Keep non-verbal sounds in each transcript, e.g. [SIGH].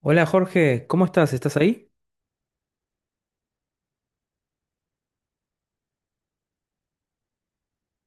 Hola Jorge, ¿cómo estás? ¿Estás ahí?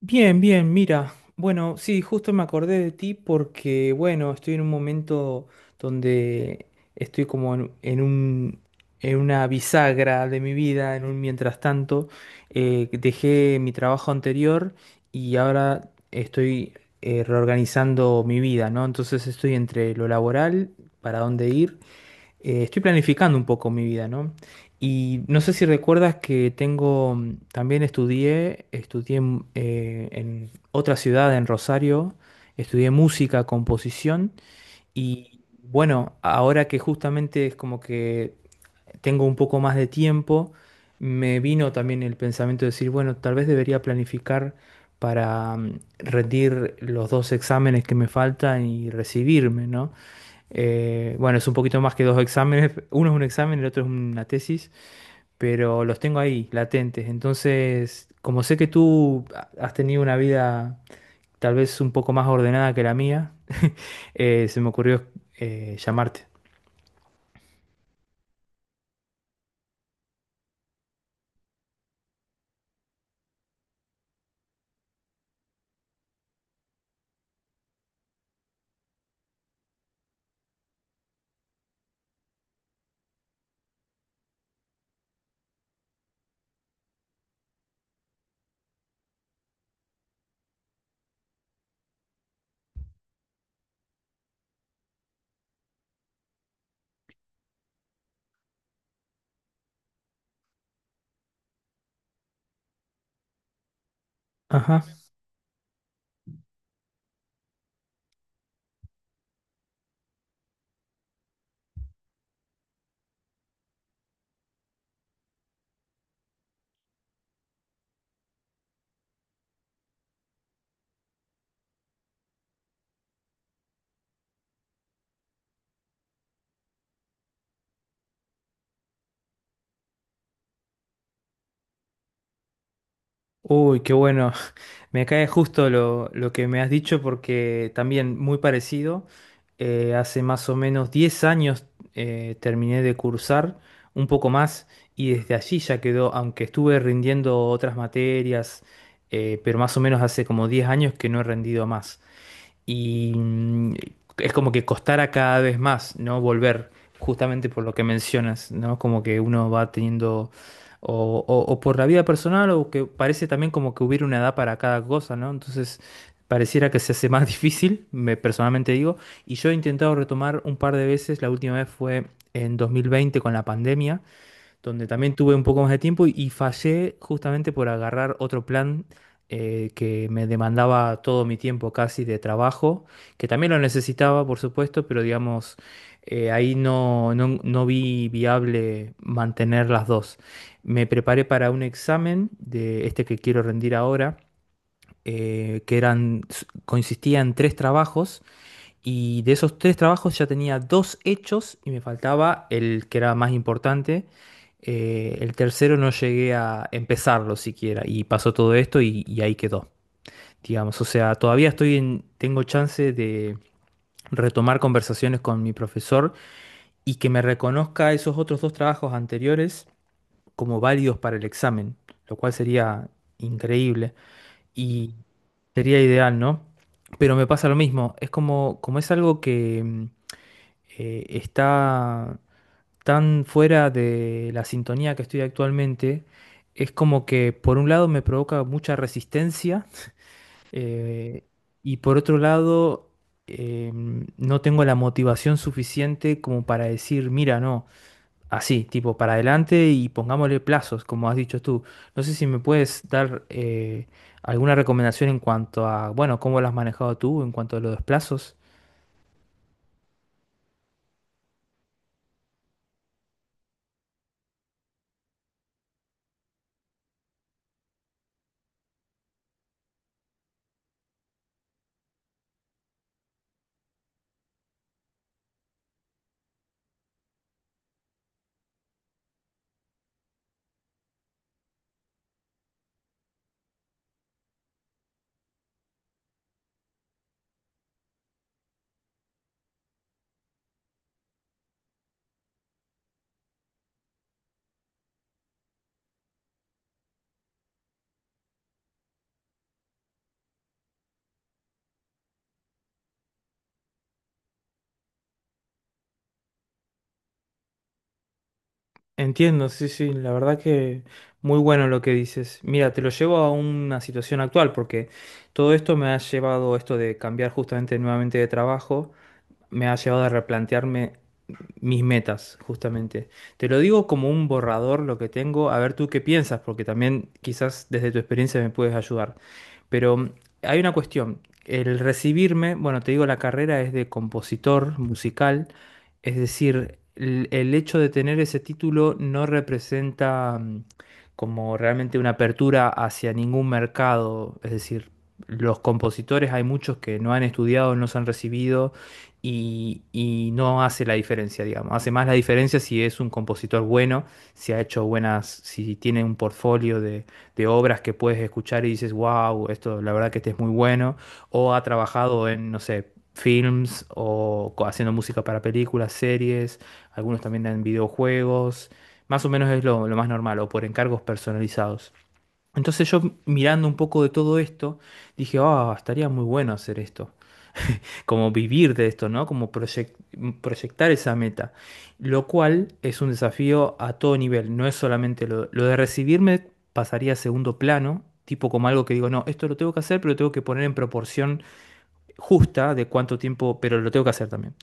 Bien, bien, mira. Bueno, sí, justo me acordé de ti porque, bueno, estoy en un momento donde estoy como en una bisagra de mi vida, en un mientras tanto. Dejé mi trabajo anterior y ahora estoy reorganizando mi vida, ¿no? Entonces estoy entre lo laboral, para dónde ir, estoy planificando un poco mi vida, ¿no? Y no sé si recuerdas que tengo, también estudié, en otra ciudad, en Rosario, estudié música, composición, y bueno, ahora que justamente es como que tengo un poco más de tiempo, me vino también el pensamiento de decir, bueno, tal vez debería planificar para, rendir los dos exámenes que me faltan y recibirme, ¿no? Bueno, es un poquito más que dos exámenes, [LAUGHS] uno es un examen, el otro es una tesis, pero los tengo ahí, latentes. Entonces, como sé que tú has tenido una vida tal vez un poco más ordenada que la mía, [LAUGHS] se me ocurrió llamarte. Ajá. Uy, qué bueno. [LAUGHS] Me cae justo lo que me has dicho porque también muy parecido. Hace más o menos 10 años, terminé de cursar, un poco más, y desde allí ya quedó, aunque estuve rindiendo otras materias, pero más o menos hace como 10 años que no he rendido más, y es como que costara cada vez más, ¿no? Volver, justamente por lo que mencionas, ¿no? Como que uno va teniendo, o por la vida personal, o que parece también como que hubiera una edad para cada cosa, ¿no? Entonces, pareciera que se hace más [LAUGHS] difícil, me personalmente digo, y yo he intentado retomar un par de veces. La última vez fue en 2020 con la pandemia, donde también tuve un poco más de tiempo, y, fallé justamente por agarrar otro plan que me demandaba todo mi tiempo casi de trabajo, que también lo necesitaba, por supuesto, pero digamos, ahí no vi viable mantener las dos. Me preparé para un examen de este que quiero rendir ahora. eh, que eran, Consistía en tres trabajos, y de esos tres trabajos ya tenía dos hechos y me faltaba el que era más importante. El tercero no llegué a empezarlo siquiera y pasó todo esto, y ahí quedó, digamos. O sea, todavía tengo chance de retomar conversaciones con mi profesor y que me reconozca esos otros dos trabajos anteriores como válidos para el examen, lo cual sería increíble y sería ideal, ¿no? Pero me pasa lo mismo, es como es algo que está tan fuera de la sintonía que estoy actualmente. Es como que por un lado me provoca mucha resistencia, eh, y por otro lado eh, no tengo la motivación suficiente como para decir, mira, no, así, tipo, para adelante y pongámosle plazos, como has dicho tú. No sé si me puedes dar alguna recomendación en cuanto a, bueno, cómo lo has manejado tú en cuanto a los plazos. Entiendo, sí, sí, la verdad que muy bueno lo que dices. Mira, te lo llevo a una situación actual, porque todo esto me ha llevado a esto de cambiar justamente nuevamente de trabajo, me ha llevado a replantearme mis metas, justamente. Te lo digo como un borrador lo que tengo, a ver tú qué piensas, porque también quizás desde tu experiencia me puedes ayudar. Pero hay una cuestión. El recibirme, bueno, te digo, la carrera es de compositor musical, es decir, el hecho de tener ese título no representa, como realmente una apertura hacia ningún mercado. Es decir, los compositores, hay muchos que no han estudiado, no se han recibido, y, no hace la diferencia, digamos. Hace más la diferencia si es un compositor bueno, si ha hecho buenas, si tiene un portfolio de obras que puedes escuchar y dices, wow, esto la verdad que este es muy bueno, o ha trabajado en, no sé, films, o haciendo música para películas, series, algunos también en videojuegos. Más o menos es lo más normal, o por encargos personalizados. Entonces yo, mirando un poco de todo esto, dije, ah, estaría muy bueno hacer esto, como vivir de esto, ¿no? Como proyectar esa meta, lo cual es un desafío a todo nivel, no es solamente lo de recibirme, pasaría a segundo plano, tipo como algo que digo, no, esto lo tengo que hacer, pero lo tengo que poner en proporción justa de cuánto tiempo, pero lo tengo que hacer también,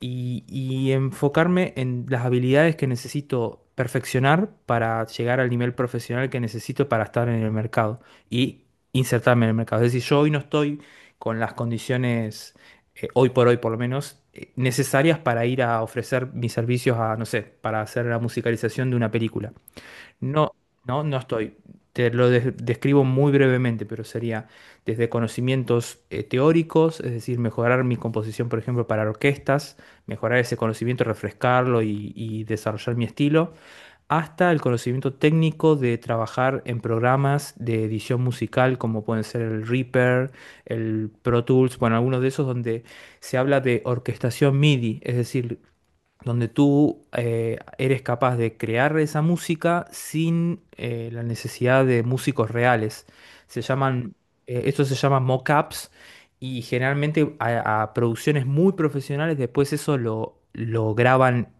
y, enfocarme en las habilidades que necesito perfeccionar para llegar al nivel profesional que necesito para estar en el mercado y insertarme en el mercado. Es decir, yo hoy no estoy con las condiciones, hoy por hoy por lo menos, necesarias para ir a ofrecer mis servicios a, no sé, para hacer la musicalización de una película. No, no, no estoy. Te lo describo muy brevemente, pero sería desde conocimientos teóricos, es decir, mejorar mi composición, por ejemplo, para orquestas, mejorar ese conocimiento, refrescarlo, y desarrollar mi estilo, hasta el conocimiento técnico de trabajar en programas de edición musical, como pueden ser el Reaper, el Pro Tools, bueno, algunos de esos donde se habla de orquestación MIDI, es decir, donde tú, eres capaz de crear esa música sin, la necesidad de músicos reales. Se llaman, Esto se llama mockups, y generalmente a, producciones muy profesionales, después eso lo graban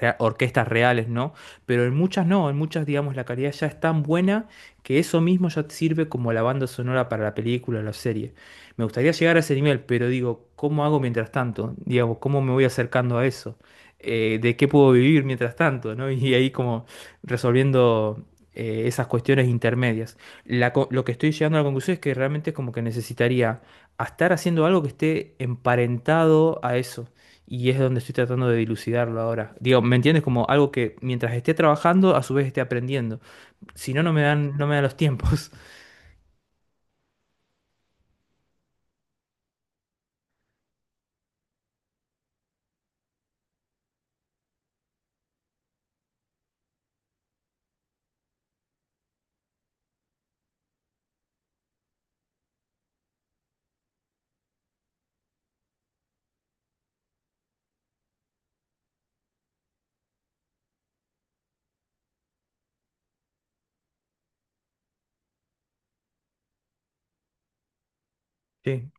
orquestas reales, ¿no? Pero en muchas no, en muchas, digamos, la calidad ya es tan buena que eso mismo ya te sirve como la banda sonora para la película o la serie. Me gustaría llegar a ese nivel, pero digo, ¿cómo hago mientras tanto? Digamos, ¿cómo me voy acercando a eso? De qué puedo vivir mientras tanto, ¿no? Y ahí como resolviendo, esas cuestiones intermedias. Lo que estoy llegando a la conclusión es que realmente es como que necesitaría a estar haciendo algo que esté emparentado a eso. Y es donde estoy tratando de dilucidarlo ahora. Digo, ¿me entiendes? Como algo que mientras esté trabajando, a su vez esté aprendiendo. Si no, no me dan los tiempos. [LAUGHS] Sí.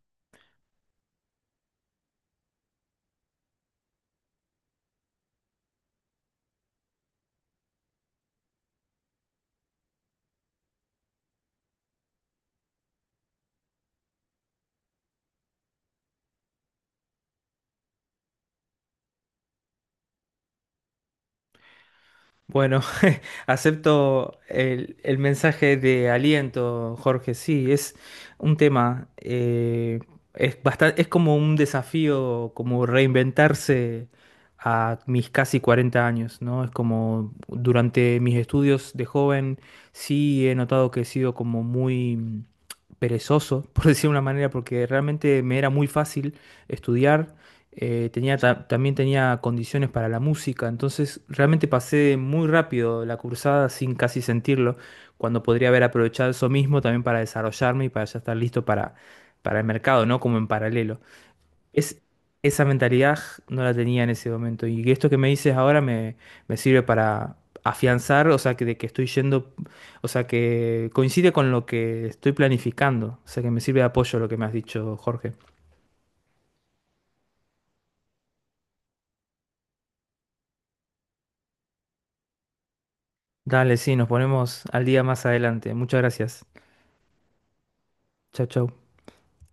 Bueno, [LAUGHS] acepto el mensaje de aliento, Jorge. Sí, es un tema, es bastante, es como un desafío, como reinventarse a mis casi 40 años, ¿no? Es como durante mis estudios de joven, sí he notado que he sido como muy, perezoso, [LAUGHS] por decir de una manera, porque realmente me era muy fácil estudiar, tenía también tenía condiciones para la música, entonces realmente pasé muy rápido la cursada sin casi sentirlo, cuando podría haber aprovechado eso mismo también para desarrollarme y para ya estar listo para, el mercado, ¿no? Como en paralelo. Es, Esa mentalidad no la tenía en ese momento, y esto que me dices ahora me sirve para afianzar, o sea, que, de que estoy yendo, o sea, que coincide con lo que estoy planificando, o sea, que me sirve de apoyo lo que me has dicho, Jorge. Dale, sí, nos ponemos al día más adelante. Muchas gracias. Chau, chau.